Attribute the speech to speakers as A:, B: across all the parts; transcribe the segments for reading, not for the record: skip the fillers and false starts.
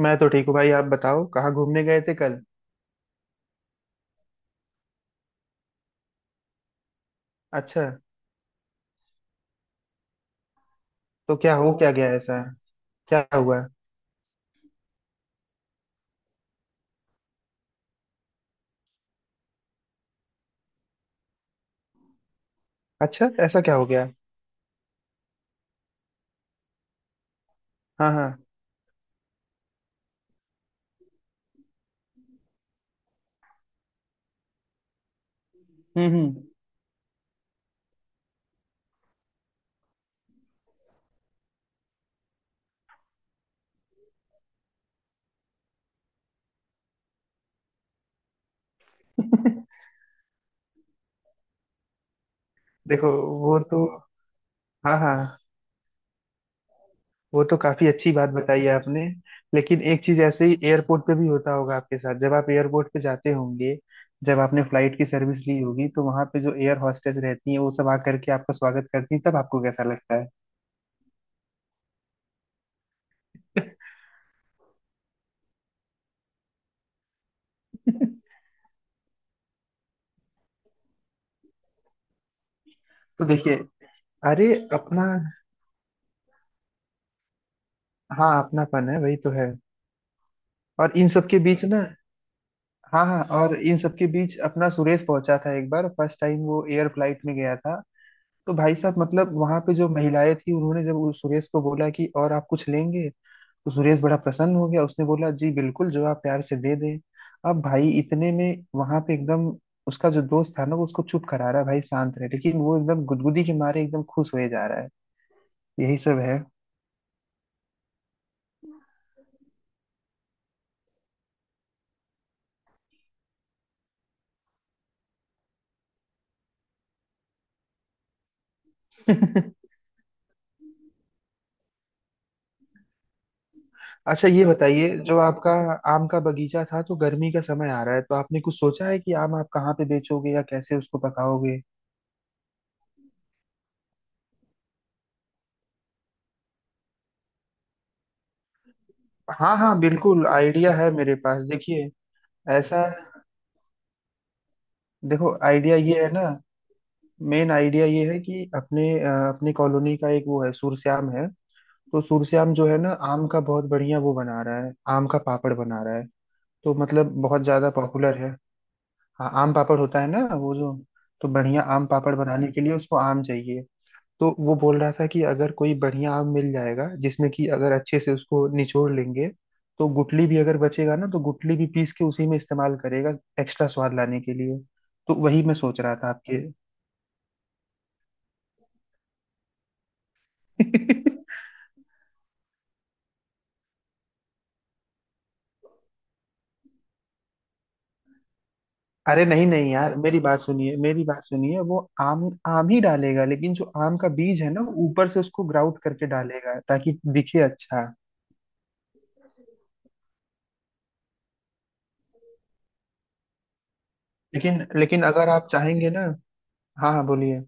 A: मैं तो ठीक हूँ भाई। आप बताओ, कहाँ घूमने गए थे कल? अच्छा। तो क्या हो क्या गया ऐसा? क्या हुआ? अच्छा, ऐसा क्या हो गया? हाँ, हाँ। हम्म, हम्म। देखो, वो तो, हाँ, हाँ, वो तो काफी अच्छी बात बताई है आपने। लेकिन एक चीज ऐसे ही एयरपोर्ट पे भी होता होगा आपके साथ, जब आप एयरपोर्ट पे जाते होंगे। जब आपने फ्लाइट की सर्विस ली होगी तो वहां पे जो एयर हॉस्टेस रहती है वो सब आकर के आपका स्वागत करती है, तब आपको कैसा लगता है? तो देखिए, अरे, अपना, हाँ अपनापन है, वही तो है। और इन सब के बीच ना, हाँ, हाँ, और इन सब के बीच अपना सुरेश पहुंचा था एक बार, फर्स्ट टाइम वो एयर फ्लाइट में गया था। तो भाई साहब मतलब वहां पे जो महिलाएं थी उन्होंने जब उस सुरेश को बोला कि और आप कुछ लेंगे, तो सुरेश बड़ा प्रसन्न हो गया। उसने बोला, जी बिल्कुल, जो आप प्यार से दे दें। अब भाई इतने में वहां पे एकदम, उसका जो दोस्त था ना वो उसको चुप करा रहा है, भाई शांत रहे, लेकिन वो एकदम गुदगुदी के मारे एकदम खुश हुए जा रहा है। यही सब है। अच्छा ये बताइए, जो आपका आम का बगीचा था, तो गर्मी का समय आ रहा है, तो आपने कुछ सोचा है कि आम आप कहाँ पे बेचोगे या कैसे उसको पकाओगे? हाँ, हाँ, बिल्कुल आइडिया है मेरे पास। देखिए, ऐसा, देखो आइडिया ये है ना। मेन आइडिया ये है कि अपने अपने कॉलोनी का एक वो है, सूरश्याम है। तो सूरश्याम जो है ना आम का बहुत बढ़िया वो बना रहा है, आम का पापड़ बना रहा है। तो मतलब बहुत ज्यादा पॉपुलर है। हाँ आम पापड़ होता है ना वो जो। तो बढ़िया आम पापड़ बनाने के लिए उसको आम चाहिए। तो वो बोल रहा था कि अगर कोई बढ़िया आम मिल जाएगा जिसमें कि अगर अच्छे से उसको निचोड़ लेंगे, तो गुठली भी अगर बचेगा ना तो गुठली भी पीस के उसी में इस्तेमाल करेगा, एक्स्ट्रा स्वाद लाने के लिए। तो वही मैं सोच रहा था। आपके अरे नहीं, नहीं यार, मेरी बात सुनिए, मेरी बात सुनिए। वो आम आम ही डालेगा, लेकिन जो आम का बीज है ना वो ऊपर से उसको ग्राउट करके डालेगा, ताकि दिखे अच्छा। लेकिन लेकिन अगर आप चाहेंगे ना, हाँ, हाँ, बोलिए।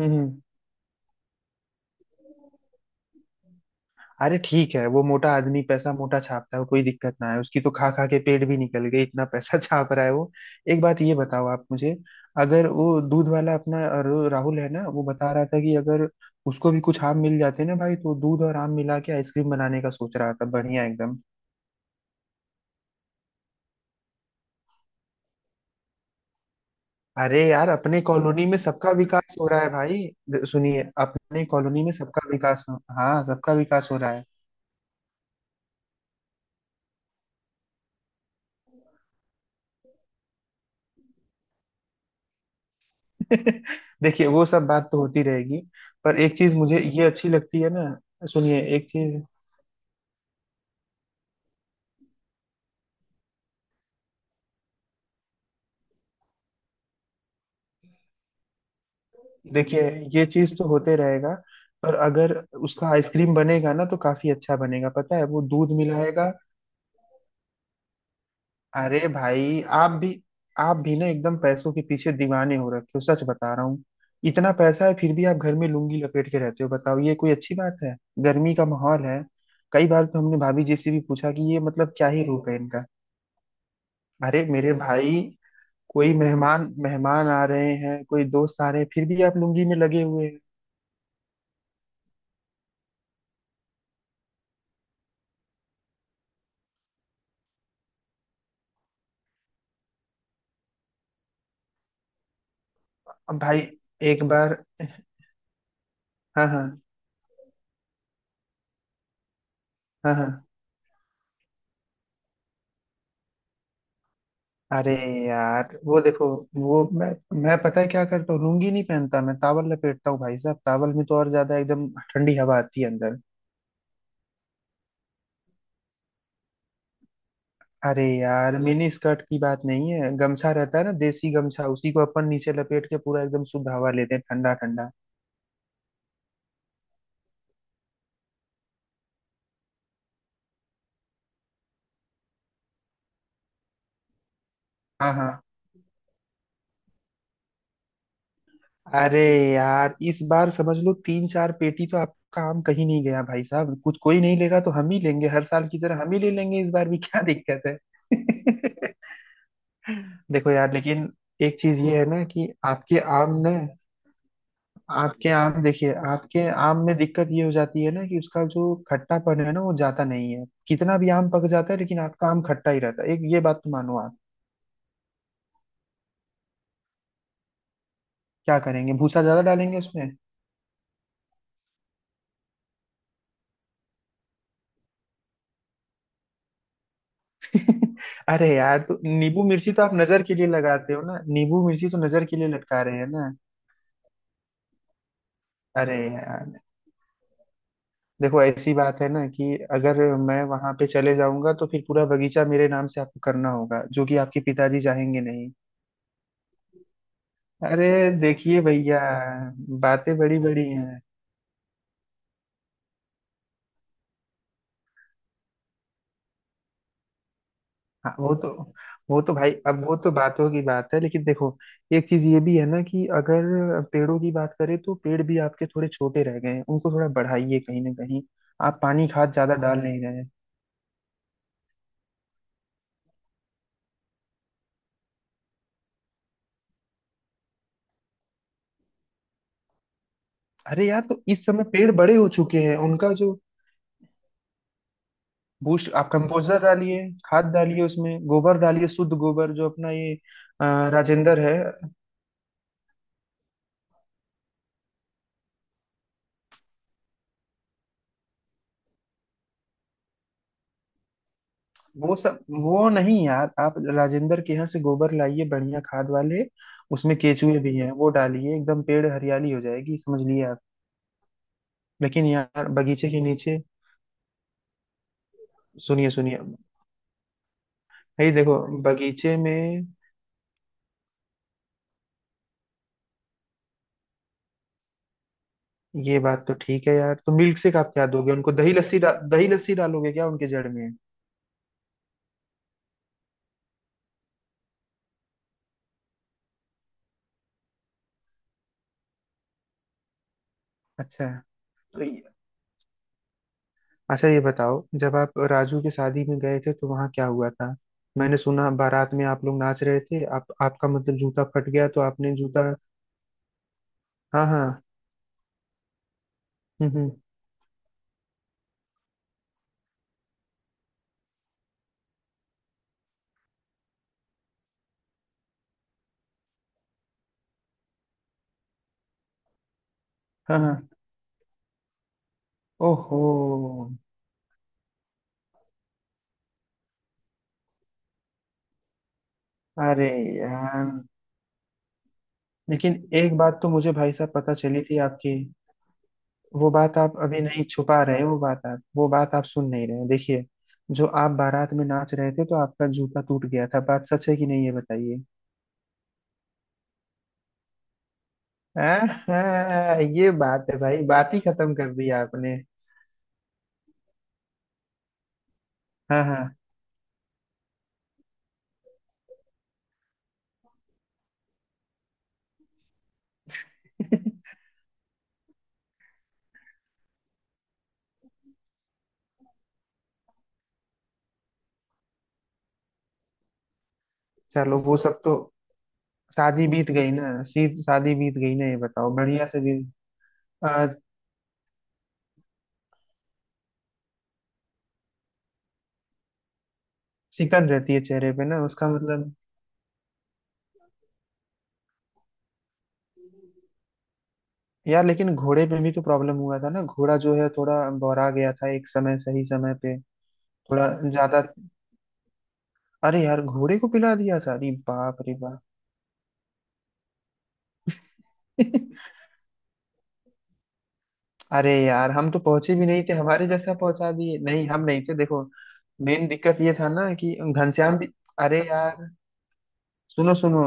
A: हम्म, हम्म। अरे ठीक है, वो मोटा आदमी पैसा मोटा छापता है, कोई दिक्कत ना है उसकी। तो खा खा के पेट भी निकल गए, इतना पैसा छाप रहा है वो। एक बात ये बताओ आप मुझे। अगर वो दूध वाला अपना राहुल है ना, वो बता रहा था कि अगर उसको भी कुछ आम मिल जाते ना भाई, तो दूध और आम मिला के आइसक्रीम बनाने का सोच रहा था, बढ़िया एकदम। अरे यार अपने कॉलोनी में सबका विकास हो रहा है भाई। सुनिए, अपने कॉलोनी में सबका विकास हो, हाँ, सबका विकास हो रहा है। देखिए, वो सब बात तो होती रहेगी। पर एक चीज मुझे ये अच्छी लगती है ना। सुनिए एक चीज। देखिए, ये चीज तो होते रहेगा। पर अगर उसका आइसक्रीम बनेगा ना, तो काफी अच्छा बनेगा, पता है वो दूध मिलाएगा। अरे भाई आप भी, आप भी ना एकदम पैसों के पीछे दीवाने हो रखे हो, सच बता रहा हूँ। इतना पैसा है फिर भी आप घर में लुंगी लपेट के रहते हो, बताओ ये कोई अच्छी बात है? गर्मी का माहौल है। कई बार तो हमने भाभी जी से भी पूछा कि ये मतलब क्या ही रूप है इनका। अरे मेरे भाई, कोई मेहमान मेहमान आ रहे हैं, कोई दोस्त आ रहे हैं, फिर भी आप लुंगी में लगे हुए हैं। अब भाई एक बार, हाँ, हाँ, हाँ, हाँ। अरे यार वो देखो, वो मैं पता है क्या करता हूँ, लुंगी नहीं पहनता मैं, तावल लपेटता हूँ भाई साहब। तावल में तो और ज्यादा एकदम ठंडी हवा आती है अंदर। अरे यार मिनी स्कर्ट की बात नहीं है, गमछा रहता है ना देसी गमछा, उसी को अपन नीचे लपेट के पूरा एकदम शुद्ध हवा लेते हैं, ठंडा ठंडा। हाँ, हाँ। अरे यार इस बार समझ लो तीन चार पेटी तो आपका आम कहीं नहीं गया भाई साहब। कुछ कोई नहीं लेगा तो हम ही लेंगे, हर साल की तरह हम ही ले लेंगे, इस बार भी क्या दिक्कत है? देखो यार, लेकिन एक चीज ये है ना कि आपके आम में, आपके आम देखिए आपके आम में दिक्कत ये हो जाती है ना कि उसका जो खट्टापन है ना वो जाता नहीं है, कितना भी आम पक जाता है लेकिन आपका आम खट्टा ही रहता है, एक ये बात तो मानो आप। क्या करेंगे, भूसा ज्यादा डालेंगे उसमें? अरे यार तो नींबू मिर्ची तो आप नजर के लिए लगाते हो ना, नींबू मिर्ची तो नजर के लिए लटका रहे हैं ना। अरे यार देखो, ऐसी बात है ना कि अगर मैं वहां पे चले जाऊंगा, तो फिर पूरा बगीचा मेरे नाम से आपको करना होगा, जो कि आपके पिताजी चाहेंगे नहीं। अरे देखिए भैया, बातें बड़ी बड़ी हैं। हाँ वो तो, वो तो भाई अब वो तो बातों की बात है, लेकिन देखो एक चीज ये भी है ना कि अगर पेड़ों की बात करें तो पेड़ भी आपके थोड़े छोटे रह गए हैं, उनको थोड़ा बढ़ाइए कहीं ना कहीं। आप पानी खाद ज्यादा डाल नहीं रहे हैं। अरे यार तो इस समय पेड़ बड़े हो चुके हैं उनका जो, बूस्ट आप कंपोस्टर डालिए, खाद डालिए, उसमें गोबर डालिए, शुद्ध गोबर जो अपना ये अ, राजेंद्र है। वो सब वो नहीं यार, आप राजेंद्र के यहाँ से गोबर लाइए, बढ़िया खाद वाले। उसमें केचुए भी हैं, वो डालिए, एकदम पेड़ हरियाली हो जाएगी, समझ लिए आप। लेकिन यार बगीचे के नीचे, सुनिए, सुनिए भाई, देखो बगीचे में, ये बात तो ठीक है यार। तो मिल्क शेक आप क्या दोगे उनको, दही लस्सी दही लस्सी डालोगे क्या उनके जड़ में? अच्छा तो अच्छा ये बताओ जब आप राजू के शादी में गए थे तो वहाँ क्या हुआ था। मैंने सुना बारात में आप लोग नाच रहे थे, आप आपका मतलब जूता फट गया तो आपने जूता, हाँ, हाँ, हम्म, हाँ, हाँ। ओहो। अरे यार लेकिन एक बात तो मुझे भाई साहब पता चली थी आपकी। वो बात आप अभी नहीं छुपा रहे हो, वो बात आप सुन नहीं रहे हैं। देखिए, जो आप बारात में नाच रहे थे, तो आपका जूता टूट गया था, बात सच है कि नहीं ये बताइए। आहा, ये बात है भाई, बात ही खत्म कर दी आपने। हाँ, हाँ। चलो वो सब तो, शादी बीत गई ना सी शादी बीत गई ना, ये बताओ बढ़िया से भी, आ, सिकन रहती है चेहरे पे ना उसका मतलब। यार लेकिन घोड़े पे भी तो प्रॉब्लम हुआ था ना, घोड़ा जो है थोड़ा बौरा गया था एक समय, सही समय पे, थोड़ा ज्यादा। अरे यार घोड़े को पिला दिया था? अरे बाप रे बाप। अरे यार हम तो पहुंचे भी नहीं थे, हमारे जैसा पहुंचा दिए, नहीं हम नहीं थे देखो। मेन दिक्कत ये था ना कि घनश्याम भी, अरे यार सुनो, सुनो।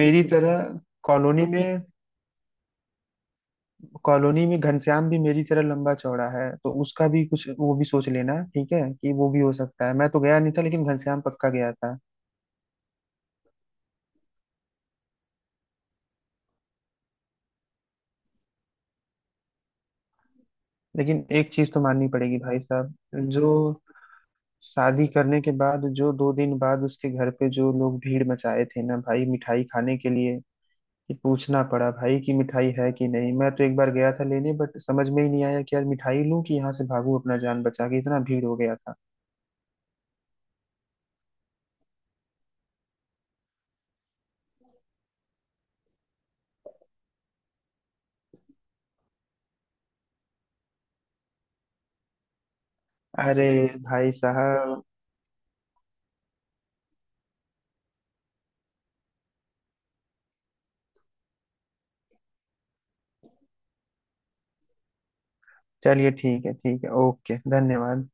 A: मेरी तरह कॉलोनी में, कॉलोनी में घनश्याम भी मेरी तरह लंबा चौड़ा है, तो उसका भी कुछ वो भी सोच लेना, ठीक है कि वो भी हो सकता है, मैं तो गया नहीं था लेकिन घनश्याम पक्का गया था। लेकिन एक चीज तो माननी पड़ेगी भाई साहब। जो शादी करने के बाद, जो 2 दिन बाद उसके घर पे जो लोग भीड़ मचाए थे ना भाई मिठाई खाने के लिए, कि पूछना पड़ा भाई कि मिठाई है कि नहीं। मैं तो एक बार गया था लेने, बट समझ में ही नहीं आया कि यार मिठाई लूं कि यहाँ से भागूं अपना जान बचा के, इतना भीड़ हो गया था। अरे भाई साहब, चलिए ठीक है, ठीक है, ओके, धन्यवाद।